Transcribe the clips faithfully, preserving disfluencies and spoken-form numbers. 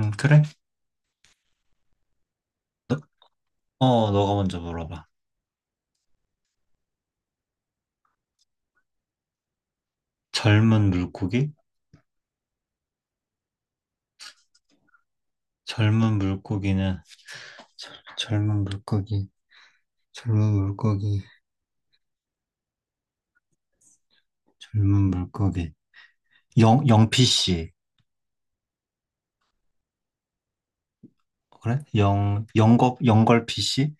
음, 그래? 너, 어, 너가 먼저 물어봐. 젊은 물고기? 젊은 물고기는, 젊- 젊은 물고기, 젊은 물고기, 젊은 물고기. 영, 영피씨. 그래? 영, 영걸, 영걸피씨?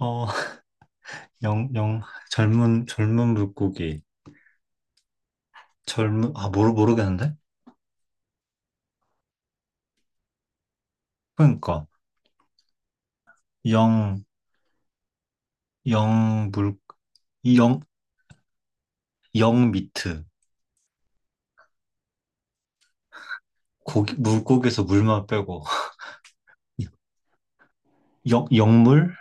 어, 영, 영, 젊은, 젊은 물고기. 젊은, 아, 모르, 모르겠는데? 그러니까, 영, 영, 물, 영, 영 미트. 고기, 물고기에서 물만 빼고. 영, 영물?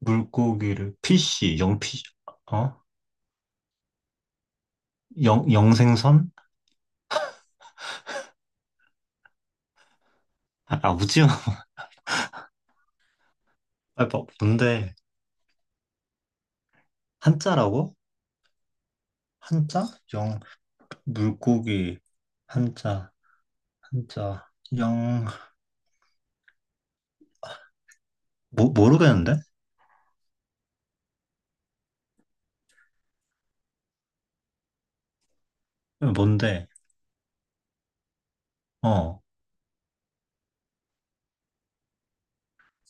물고기를 피씨, 영피, 어? 영, 영생선? 아, 아, 오징어. 아, 뭐, 뭔데? 한자라고? 한자? 영, 물고기, 한자, 한자, 영, 모, 모르겠는데? 뭔데? 어,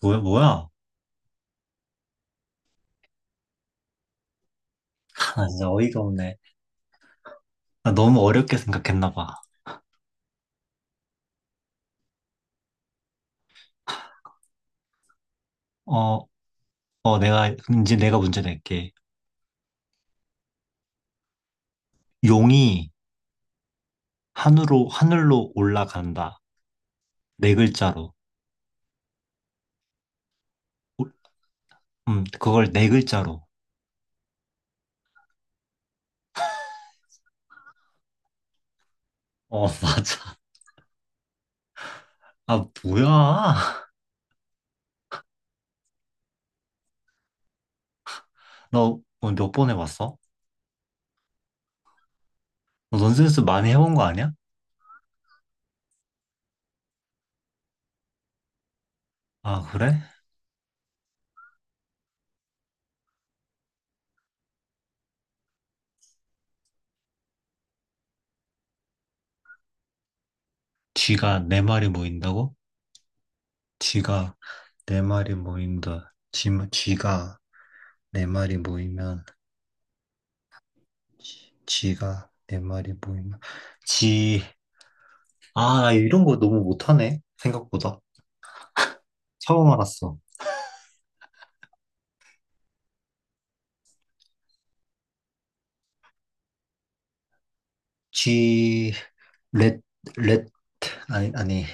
뭐야, 뭐야? 아, 진짜 어이가 없네. 나 너무 어렵게 생각했나 봐. 어, 어, 내가, 그럼 이제 내가 문제 낼게. 용이 하늘로, 하늘로 올라간다. 네 글자로. 오- 음, 그걸 네 글자로. 어, 맞아. 아, 뭐야? 너 몇 번 해봤어? 너 넌센스 많이 해본 거 아니야? 아, 그래? 쥐가 네 마리 모인다고? 쥐가 네 마리 모인다. 쥐, 쥐가 네 마리 모이면, 쥐- 쥐가 네 마리 모이면, 쥐, 아, 나 이런 거 너무 못하네. 생각보다. 처음 알았어. 쥐, 렛, 렛, 아니, 아니,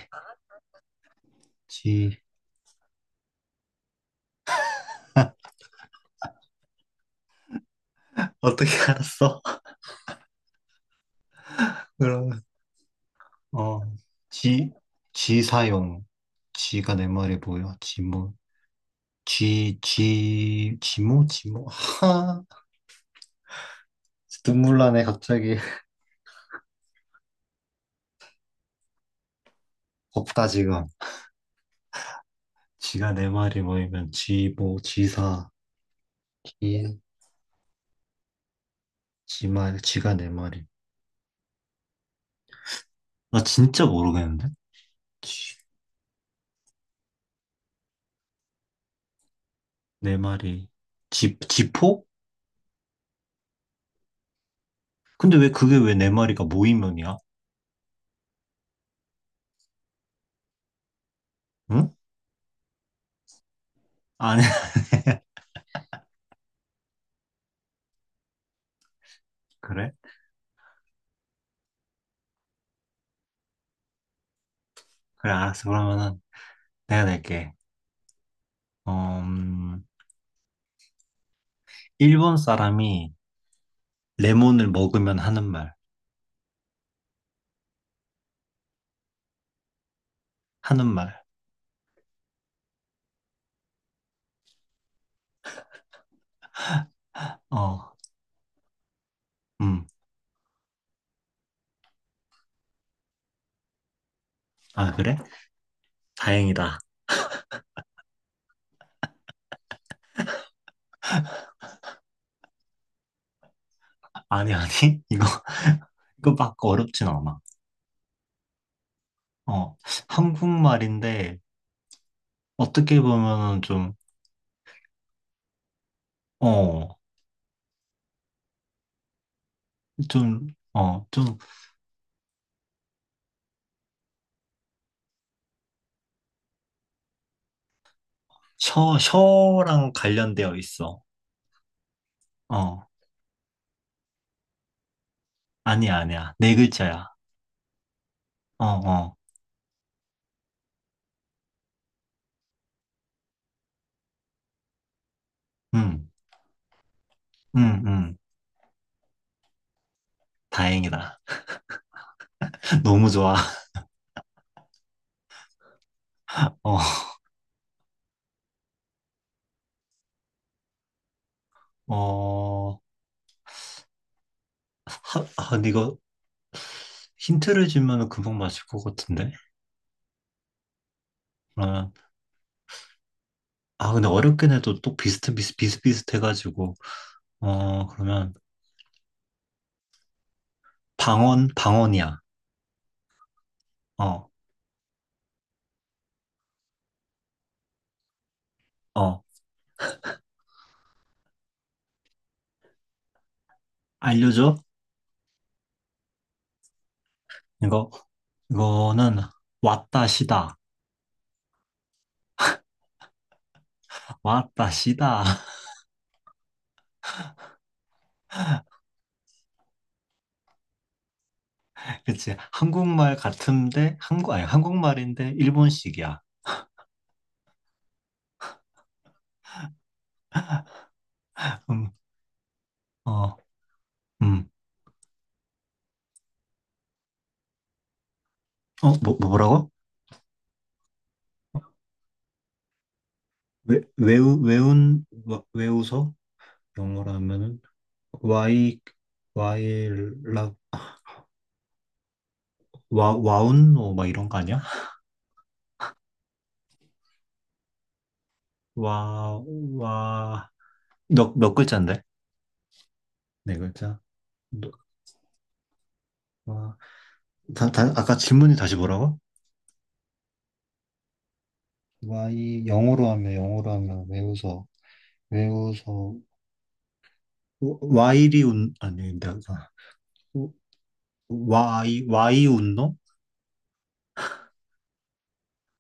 쥐, 어떻게 알았어? 그럼. 어, 지, 지 사용. 지가 내 말이 뭐야? 지모, 지, 지, 지모, 지모. 하, 눈물 나네, 갑자기. 없다, 지금. 지가 내 말이 뭐이면 지모, 지사, 지, 지말, 지가 내 말이. 나 진짜 모르겠는데? 지, 내 말이. 지, 지포? 근데 왜 그게 왜 내 말이가 모이면이야? 응? 아니, 그래? 그래, 알았어. 그러면은 내가 낼게. 음, 일본 사람이 레몬을 먹으면 하는 말, 하는 말. 어, 음. 아, 그래? 다행이다. 아니, 아니. 이거, 이거 막 어렵진 않아. 어, 한국말인데, 어떻게 보면은 좀, 어, 좀, 어, 좀, 셔, 셔랑 관련되어 있어. 어, 아니야, 아니야. 네 글자야. 어, 어, 음, 음, 음. 다행이다. 너무 좋아. 어, 어, 하, 아, 근데 이거 힌트를 주면 금방 맞을 것 같은데? 그러면 아 근데 어렵긴 해도 또 비슷 비슷 비슷비슷해가지고 어 그러면 방언 방언이야. 어 어 알려줘? 이거 이거는 왔다시다 왔다시다. 그치 한국말 같은데 한국 아니 한국말인데 일본식이야. 음 어 음 어 뭐 뭐, 뭐라고? 왜 외우 외운 와- 외우서 영어로 하면은 와이 와이 라 와 와운노 막 이런 거 아니야? 와, 와. 몇, 몇 글자인데? 네 글자? 너- 와. 다, 다, 아까 질문이 다시 뭐라고? 와이 영어로 하면 영어로 하면 외우서 외우서 와이리 운, 아니, 내가, 와이, 와이 운동?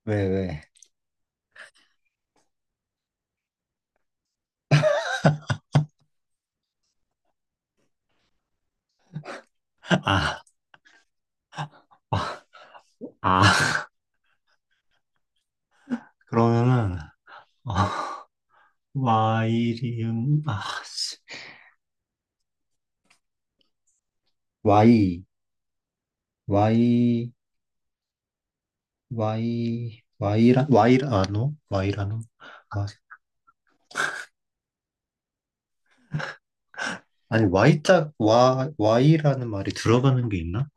왜 왜? 아, 아, 아. 그러면은, 아, 와이리 운, 아, 씨. 와이 와이 와이 와이라 와이라노? 와이라노? 아, 아니, 와이 자, 와, 와이라는 말이 들어가는 게 있나?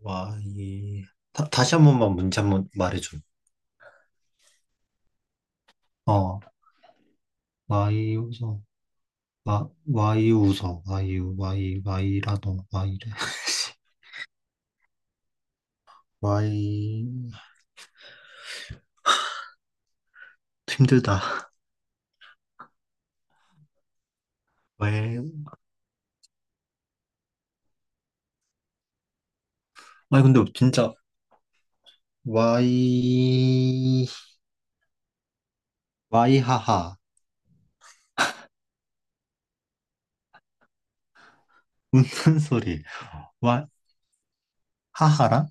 와이. 다, 다시 한 번만 문제 한 번 말해줘. 어, 와이 우서. 와, 와이 우서. 와이, 와이, 와이 라도 와이래. 와이. 힘들다. 왜? 아니, 근데 진짜, 와이, 와이 하하. 웃는 소리. 와이, 하하랑?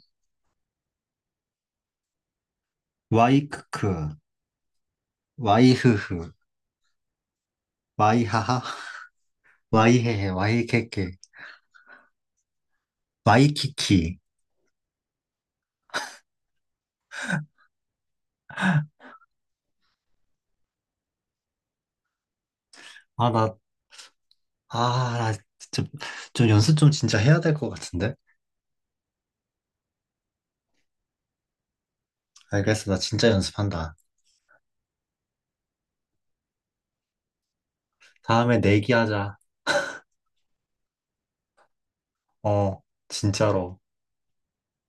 와이 크크. 와이 흐흐. 와이 하하. 와이 헤헤. 와이 케케. 와이 키키. 아, 나 아, 나 진짜 좀 연습 좀 진짜 해야 될 것 같은데? 알겠어. 나 진짜 연습한다. 다음에 내기하자. 어, 진짜로.